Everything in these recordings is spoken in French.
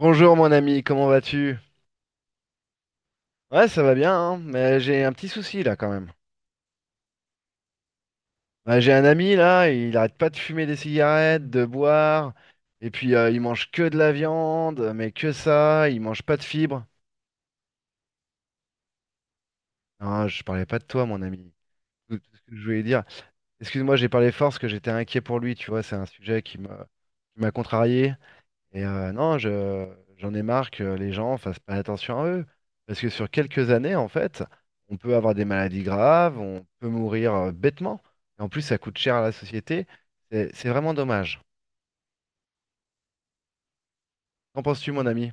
Bonjour mon ami, comment vas-tu? Ouais, ça va bien, hein, mais j'ai un petit souci là quand même. Ouais, j'ai un ami là, il arrête pas de fumer des cigarettes, de boire, et puis il mange que de la viande, mais que ça, il mange pas de fibres. Non, je parlais pas de toi mon ami. Tout ce que je voulais dire. Excuse-moi, j'ai parlé fort parce que j'étais inquiet pour lui, tu vois, c'est un sujet qui m'a contrarié. Et non, j'en ai marre que les gens fassent pas attention à eux. Parce que sur quelques années, en fait, on peut avoir des maladies graves, on peut mourir bêtement. Et en plus, ça coûte cher à la société. C'est vraiment dommage. Qu'en penses-tu, mon ami?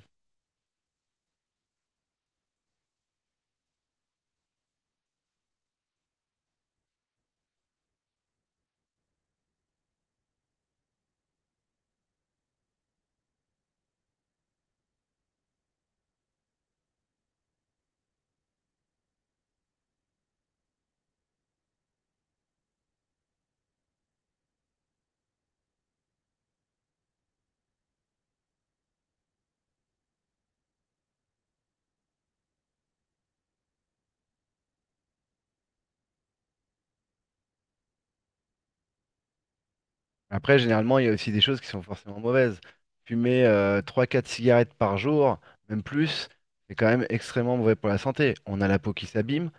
Après, généralement, il y a aussi des choses qui sont forcément mauvaises. Fumer trois, quatre cigarettes par jour, même plus, c'est quand même extrêmement mauvais pour la santé. On a la peau qui s'abîme,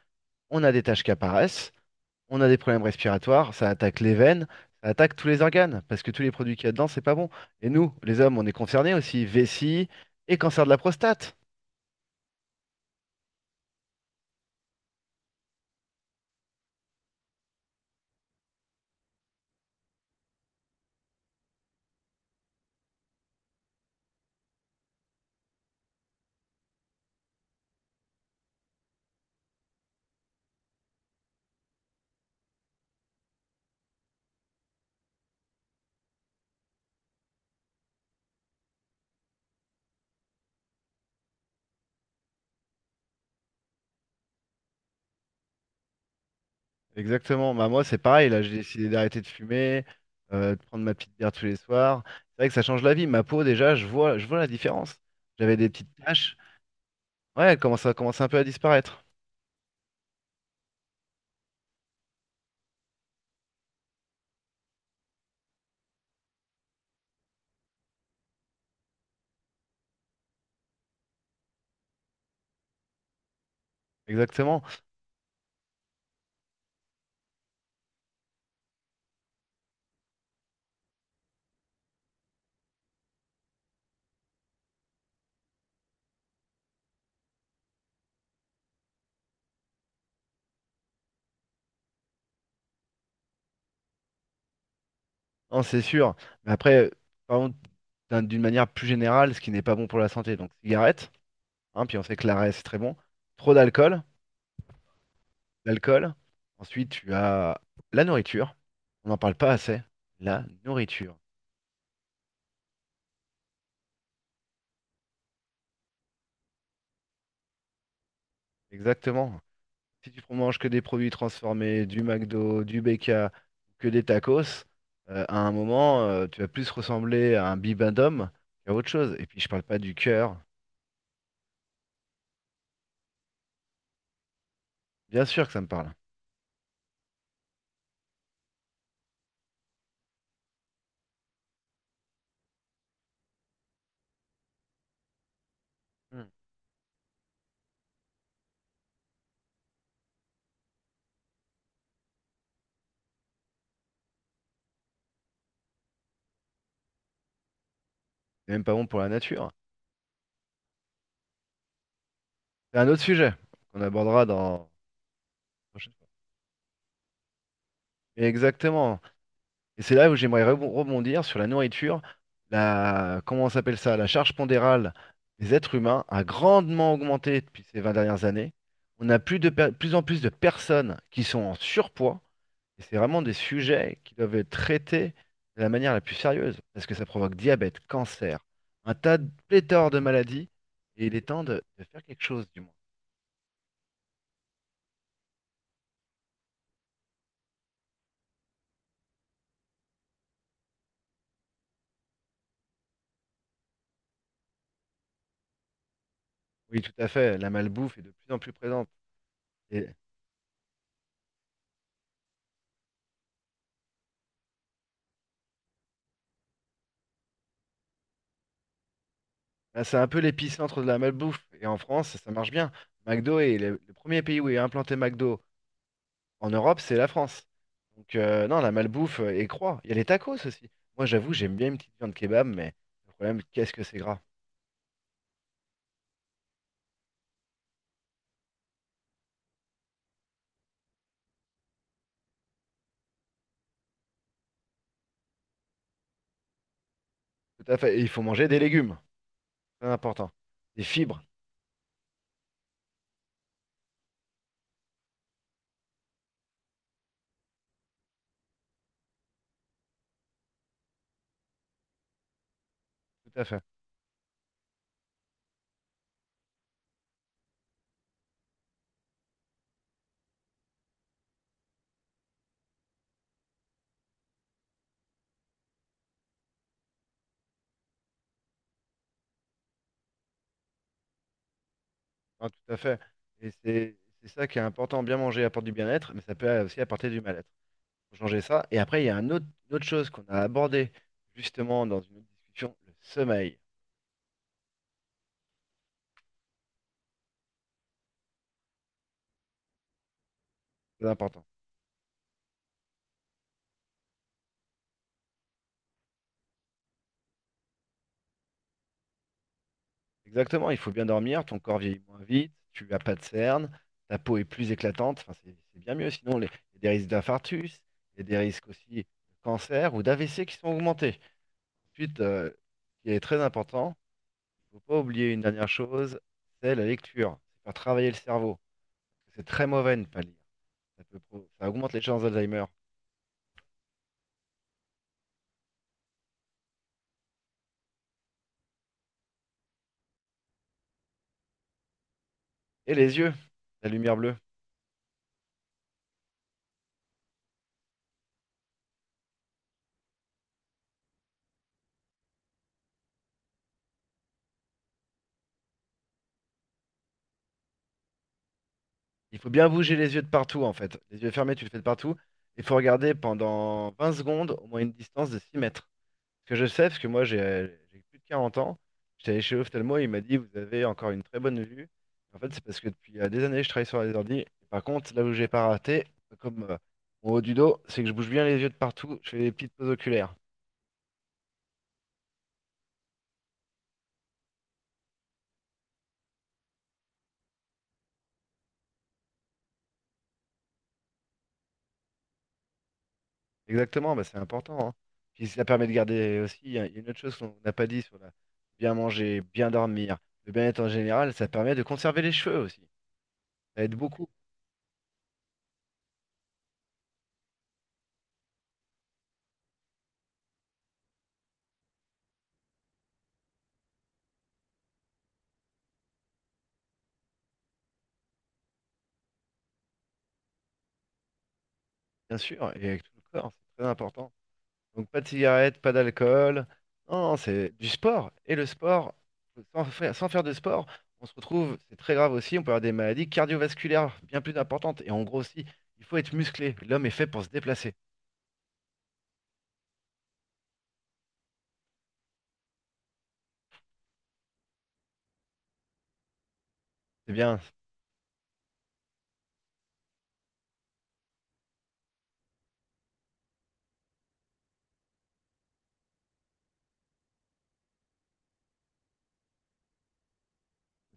on a des taches qui apparaissent. On a des problèmes respiratoires, ça attaque les veines, ça attaque tous les organes, parce que tous les produits qu'il y a dedans, c'est pas bon. Et nous, les hommes, on est concernés aussi, vessie et cancer de la prostate. Exactement, bah moi c'est pareil, là j'ai décidé d'arrêter de fumer, de prendre ma petite bière tous les soirs. C'est vrai que ça change la vie, ma peau déjà, je vois la différence. J'avais des petites taches, ouais, elle commence un peu à disparaître. Exactement, non c'est sûr. Mais après, par contre, d'une manière plus générale, ce qui n'est pas bon pour la santé, donc cigarette, hein, puis on sait que l'arrêt c'est très bon. Trop d'alcool, l'alcool. Ensuite, tu as la nourriture. On n'en parle pas assez. La nourriture. Exactement. Si tu manges que des produits transformés, du McDo, du BK, que des tacos, à un moment, tu vas plus ressembler à un bibendum qu'à autre chose. Et puis, je parle pas du cœur. Bien sûr que ça me parle. Hmm. C'est même pas bon pour la nature. C'est un autre sujet qu'on abordera dans. Mais exactement. Et c'est là où j'aimerais rebondir sur la nourriture. Comment on s'appelle ça? La charge pondérale des êtres humains a grandement augmenté depuis ces 20 dernières années. On a plus en plus de personnes qui sont en surpoids. Et c'est vraiment des sujets qui doivent être traités de la manière la plus sérieuse, parce que ça provoque diabète, cancer, un tas de pléthore de maladies, et il est temps de faire quelque chose, du moins. Oui, tout à fait, la malbouffe est de plus en plus présente. Et bah, c'est un peu l'épicentre de la malbouffe. Et en France, ça marche bien. McDo est le premier pays où est implanté McDo. En Europe, c'est la France. Donc non, la malbouffe et croît. Il y a les tacos aussi. Moi, j'avoue, j'aime bien une petite viande kebab, mais le problème, qu'est-ce que c'est gras. Tout à fait. Et il faut manger des légumes. C'est important. Des fibres. Tout à fait. Enfin, tout à fait. Et c'est ça qui est important. Bien manger apporte du bien-être, mais ça peut aussi apporter du mal-être. Faut changer ça. Et après, il y a une autre chose qu'on a abordée justement dans une autre discussion, le sommeil. C'est important. Exactement, il faut bien dormir, ton corps vieillit moins vite, tu n'as pas de cernes, ta peau est plus éclatante, enfin, c'est bien mieux. Sinon, il y a des risques d'infarctus, il y a des risques aussi de cancer ou d'AVC qui sont augmentés. Ensuite, ce qui est très important, il ne faut pas oublier une dernière chose, c'est la lecture. C'est faire travailler le cerveau. C'est très mauvais de ne pas lire. Ça augmente les chances d'Alzheimer. Et les yeux, la lumière bleue. Il faut bien bouger les yeux de partout, en fait. Les yeux fermés, tu le fais de partout. Il faut regarder pendant 20 secondes, au moins une distance de 6 mètres. Ce que je sais, parce que moi j'ai plus de 40 ans, j'étais allé chez l'ophtalmo et il m'a dit vous avez encore une très bonne vue. En fait, c'est parce que depuis des années je travaille sur les ordi. Et par contre, là où j'ai pas raté, comme mon haut du dos, c'est que je bouge bien les yeux de partout, je fais des petites pauses oculaires. Exactement, bah, c'est important, hein. Puis ça permet de garder aussi, il y a une autre chose qu'on n'a pas dit sur la bien manger, bien dormir, le bien-être en général, ça permet de conserver les cheveux aussi. Ça aide beaucoup, bien sûr, et avec tout le corps, c'est très important. Donc pas de cigarette, pas d'alcool. Non, non, c'est du sport. Et le sport, sans faire de sport, on se retrouve, c'est très grave aussi, on peut avoir des maladies cardiovasculaires bien plus importantes. Et en gros aussi, il faut être musclé. L'homme est fait pour se déplacer. C'est bien.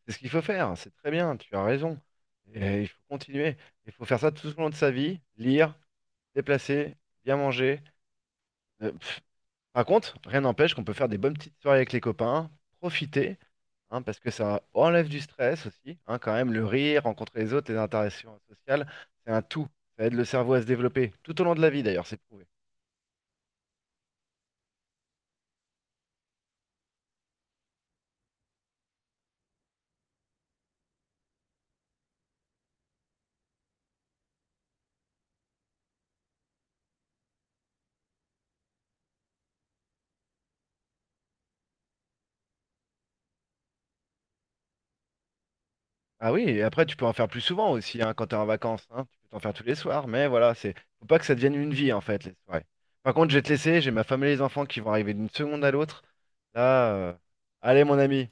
C'est ce qu'il faut faire. C'est très bien. Tu as raison. Et il faut continuer. Il faut faire ça tout au long de sa vie. Lire, se déplacer, bien manger. Pff. Par contre, rien n'empêche qu'on peut faire des bonnes petites soirées avec les copains, profiter, hein, parce que ça enlève du stress aussi, hein, quand même, le rire, rencontrer les autres, les interactions sociales, c'est un tout. Ça aide le cerveau à se développer, tout au long de la vie d'ailleurs, c'est prouvé. Ah oui, et après tu peux en faire plus souvent aussi, hein, quand tu es en vacances, hein, tu peux t'en faire tous les soirs, mais voilà, c'est faut pas que ça devienne une vie en fait, les soirées. Par contre, je vais te laisser, j'ai ma femme et les enfants qui vont arriver d'une seconde à l'autre. Là, allez mon ami.